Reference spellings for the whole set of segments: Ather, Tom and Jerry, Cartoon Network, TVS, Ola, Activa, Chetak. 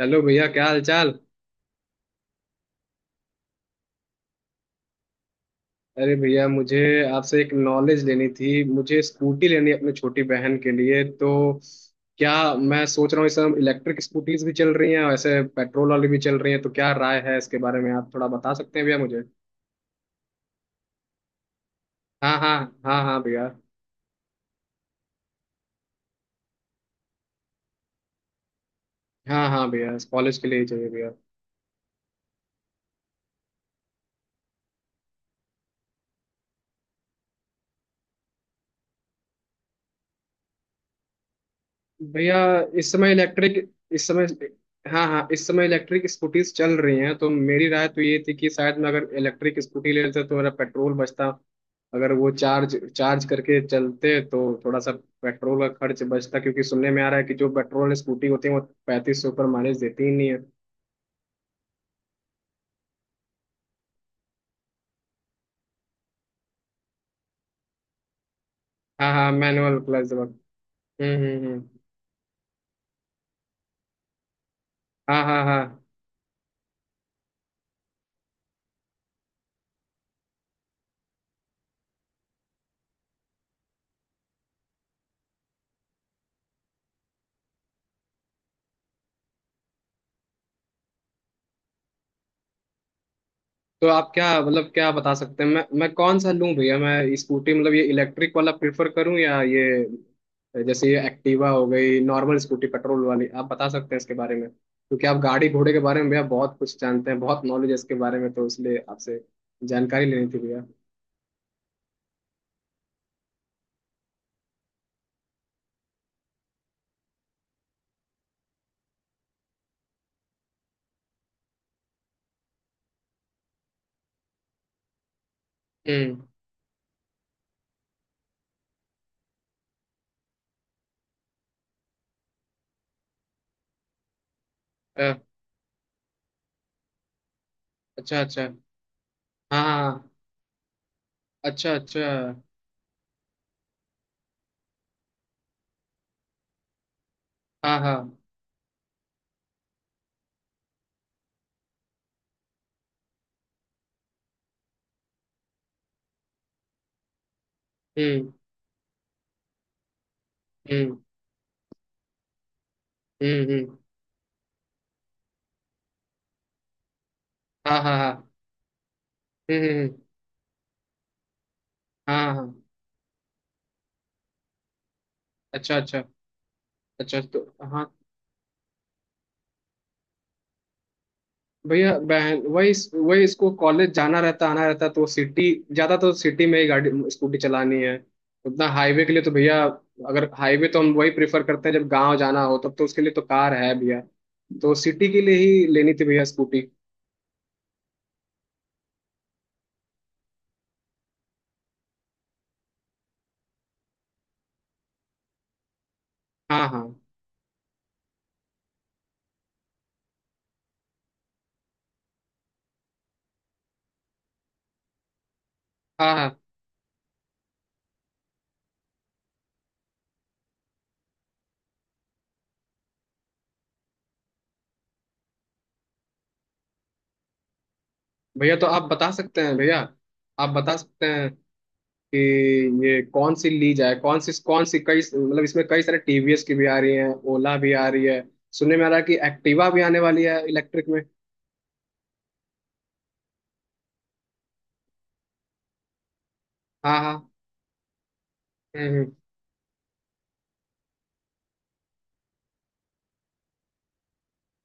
Hello भैया, क्या हाल चाल। अरे भैया, मुझे आपसे एक नॉलेज लेनी थी। मुझे स्कूटी लेनी है अपनी छोटी बहन के लिए। तो क्या, मैं सोच रहा हूँ इस समय इलेक्ट्रिक स्कूटीज भी चल रही हैं, वैसे पेट्रोल वाली भी चल रही हैं, तो क्या राय है इसके बारे में? आप थोड़ा बता सकते हैं भैया मुझे? हाँ हाँ। हाँ हाँ भैया। हाँ हाँ भैया, कॉलेज के लिए ही चाहिए भैया। भैया, इस समय इलेक्ट्रिक, इस समय हाँ हाँ इस समय इलेक्ट्रिक स्कूटीज चल रही हैं, तो मेरी राय तो ये थी कि शायद मैं अगर इलेक्ट्रिक स्कूटी ले लेता तो मेरा पेट्रोल बचता। अगर वो चार्ज चार्ज करके चलते तो थोड़ा सा पेट्रोल का खर्च बचता, क्योंकि सुनने में आ रहा है कि जो पेट्रोल स्कूटी होती है वो 3500 पर माइलेज देती ही नहीं है। हाँ हाँ, मैनुअल प्लस। हम्म। हम्म। हाँ हाँ हाँ। तो आप क्या, मतलब क्या बता सकते हैं, मैं कौन सा लूं भैया? मैं स्कूटी, मतलब ये इलेक्ट्रिक वाला प्रेफर करूं या ये जैसे ये एक्टिवा हो गई नॉर्मल स्कूटी पेट्रोल वाली? आप बता सकते हैं इसके बारे में, क्योंकि आप गाड़ी घोड़े के बारे में भैया बहुत कुछ जानते हैं, बहुत नॉलेज है इसके बारे में, तो इसलिए आपसे जानकारी लेनी थी भैया। हम्म। अ, अच्छा अच्छा। हाँ हाँ। अच्छा अच्छा। हाँ हाँ। हम्म हम्म। हम्म। हाँ हाँ हाँ। हम्म हम्म, हाँ हाँ। अच्छा अच्छा। अच्छा तो हाँ भैया, बहन, वही वही इसको कॉलेज जाना रहता आना रहता, तो सिटी ज्यादा, तो सिटी में ही गाड़ी स्कूटी चलानी है, उतना हाईवे के लिए तो भैया, अगर हाईवे तो हम वही प्रेफर करते हैं जब गांव जाना हो, तब तो उसके लिए तो कार है भैया, तो सिटी के लिए ही लेनी थी भैया स्कूटी। हाँ हाँ हाँ हाँ भैया। तो आप बता सकते हैं भैया, आप बता सकते हैं कि ये कौन सी ली जाए, कौन सी कौन सी, कई मतलब इसमें कई सारे टीवीएस की भी आ रही है, ओला भी आ रही है, सुनने में आ रहा है कि एक्टिवा भी आने वाली है इलेक्ट्रिक में। हाँ हाँ। हम्म,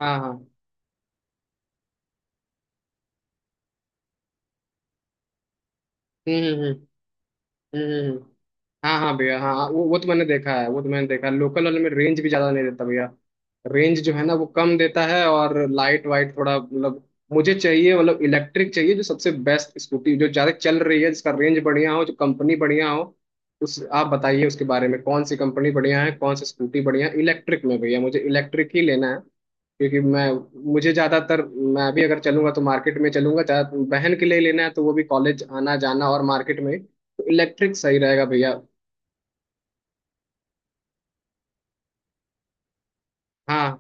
हाँ हाँ। हम्म हम्म हम्म हम्म, हम्म। हाँ हाँ भैया, हाँ हाँ, वो तो मैंने देखा है, वो तो मैंने देखा है, लोकल वाले में रेंज भी ज्यादा नहीं देता भैया। रेंज जो है ना वो कम देता है, और लाइट वाइट थोड़ा मतलब मुझे चाहिए, मतलब इलेक्ट्रिक चाहिए जो सबसे बेस्ट स्कूटी जो ज्यादा चल रही है, जिसका रेंज बढ़िया हो, जो कंपनी बढ़िया हो, उस आप बताइए उसके बारे में, कौन सी कंपनी बढ़िया है, कौन सी स्कूटी बढ़िया है इलेक्ट्रिक में भैया, मुझे इलेक्ट्रिक ही लेना है, क्योंकि मैं, मुझे ज्यादातर, मैं भी अगर चलूंगा तो मार्केट में चलूंगा ज्यादा, बहन के लिए लेना है तो वो भी कॉलेज आना जाना, और मार्केट में तो इलेक्ट्रिक सही रहेगा भैया। हाँ।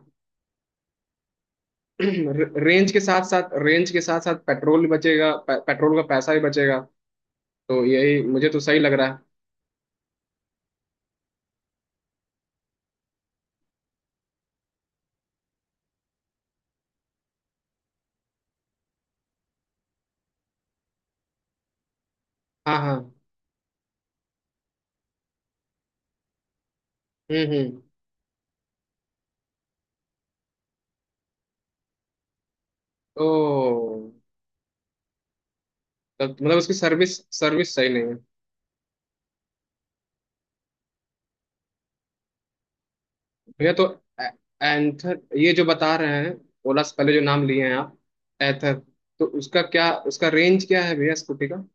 रेंज के साथ साथ, रेंज के साथ साथ पेट्रोल भी बचेगा, पेट्रोल का पैसा भी बचेगा, तो यही मुझे तो सही लग रहा है। हाँ हाँ। हम्म। तो तब मतलब उसकी सर्विस, सर्विस सही नहीं है। भैया तो ए- एंथर ये जो बता रहे हैं, ओला से पहले जो नाम लिए हैं आप, एथर, तो उसका क्या, उसका रेंज क्या है भैया स्कूटी का?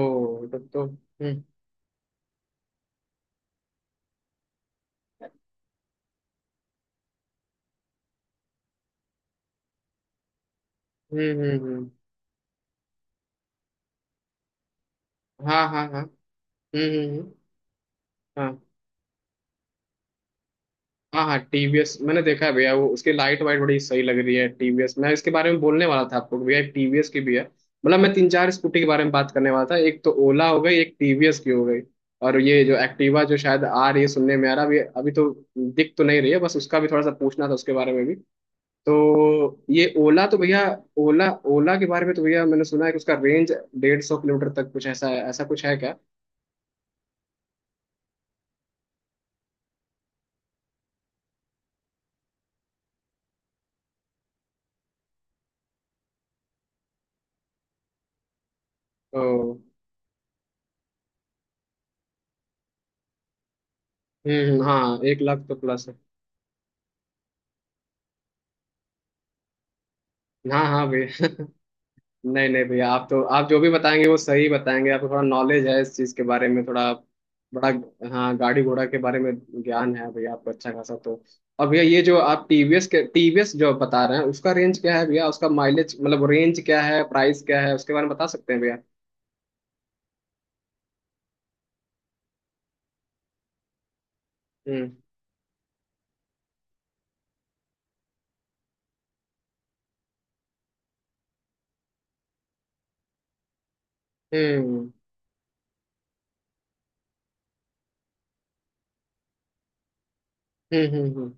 ओ, तब तो। हम्म हम्म हम्म, हाँ हाँ हाँ। हम्म हम्म हम्म, हाँ हाँ हाँ टीवीएस मैंने देखा है भैया, वो उसकी लाइट वाइट बड़ी सही लग रही है, टीवीएस मैं इसके बारे में बोलने वाला था आपको कि भैया टीवीएस की भी है, मतलब मैं तीन चार स्कूटी के बारे में बात करने वाला था, एक तो ओला हो गई, एक टीवीएस की हो गई, और ये जो एक्टिवा जो शायद आ रही है सुनने में आ रहा है, अभी अभी तो दिख तो नहीं रही है, बस उसका भी थोड़ा सा पूछना था उसके बारे में भी। तो ये ओला तो भैया, ओला, ओला के बारे में तो भैया मैंने सुना है कि उसका रेंज 150 किलोमीटर तक, कुछ ऐसा है, ऐसा कुछ है क्या? ओ। हाँ 1 लाख तो प्लस है। हाँ हाँ भैया। नहीं नहीं भैया, आप तो आप जो भी बताएंगे वो सही बताएंगे, आपको थोड़ा नॉलेज है इस चीज़ के बारे में, थोड़ा बड़ा, हाँ गाड़ी घोड़ा के बारे में ज्ञान है भैया आपको अच्छा खासा, तो और भैया ये जो आप टीवीएस के, टीवीएस जो बता रहे हैं, उसका रेंज क्या है भैया, उसका माइलेज मतलब रेंज क्या है, प्राइस क्या है उसके बारे में बता सकते हैं भैया? हम्म। हम्म हम्म।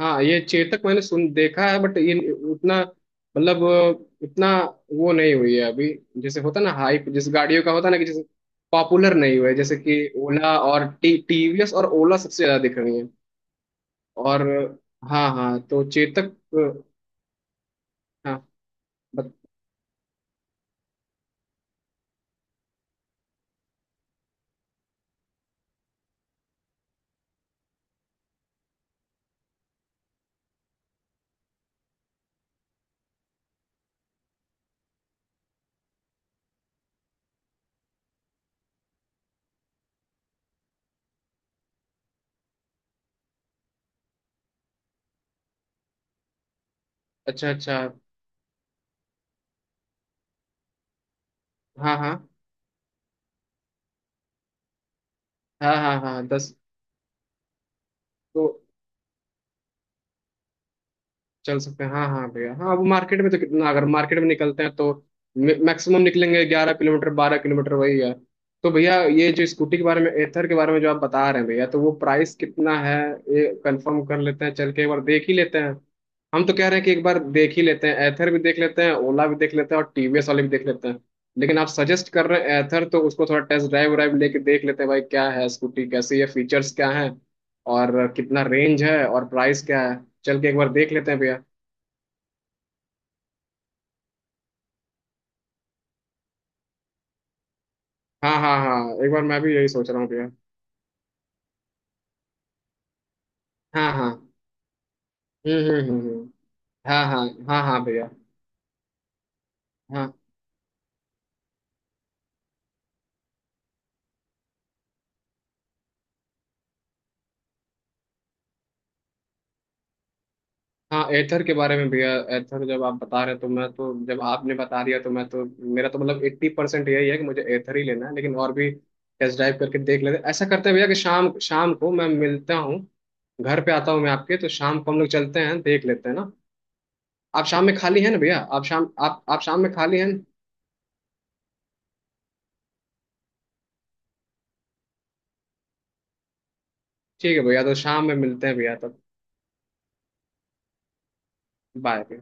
हाँ ये चेतक मैंने सुन देखा है, बट ये उतना मतलब उतना वो नहीं हुई है अभी, जैसे होता ना हाइप जिस गाड़ियों का होता ना कि जैसे पॉपुलर नहीं हुआ है, जैसे कि ओला और टी टीवीएस, और ओला सबसे ज्यादा दिख रही है। और हाँ हाँ, तो चेतक। हाँ। बत- अच्छा अच्छा। हाँ हाँ हाँ हाँ हाँ दस। तो चल सकते हैं, हाँ हाँ भैया, हाँ अब मार्केट में तो कितना, अगर मार्केट में निकलते हैं तो मैक्सिमम निकलेंगे 11 किलोमीटर 12 किलोमीटर, वही है। तो भैया ये जो स्कूटी के बारे में, एथर के बारे में जो आप बता रहे हैं भैया, तो वो प्राइस कितना है? ये कंफर्म कर लेते हैं, चल के एक बार देख ही लेते हैं, हम तो कह रहे हैं कि एक बार देख ही लेते हैं, एथर भी देख लेते हैं, ओला भी देख लेते हैं, और टीवीएस वाले भी देख लेते हैं, लेकिन आप सजेस्ट कर रहे हैं एथर, तो उसको थोड़ा टेस्ट ड्राइव वाइव लेके देख लेते हैं, भाई क्या है स्कूटी, कैसी है, फीचर्स क्या है, और कितना रेंज है, और प्राइस क्या है, चल के एक बार देख लेते हैं भैया। हाँ हाँ हाँ, एक बार मैं भी यही सोच रहा हूँ भैया। हाँ हाँ। हम्म हम्म हम्म हम्म। हाँ हाँ हाँ हाँ भैया। हाँ हाँ एथर के बारे में भैया, एथर जब आप बता रहे, तो मैं तो जब आपने बता दिया तो मैं तो, मेरा तो मतलब 80% यही है कि मुझे एथर ही लेना है, लेकिन और भी टेस्ट ड्राइव करके देख लेते हैं, ऐसा करते हैं भैया कि शाम शाम को मैं मिलता हूँ घर पे, आता हूँ मैं आपके, तो शाम को हम लोग चलते हैं देख लेते हैं ना। आप शाम में खाली हैं ना भैया? आप शाम, आप शाम में खाली हैं? ठीक है भैया, तो शाम में मिलते हैं भैया तब। बाय।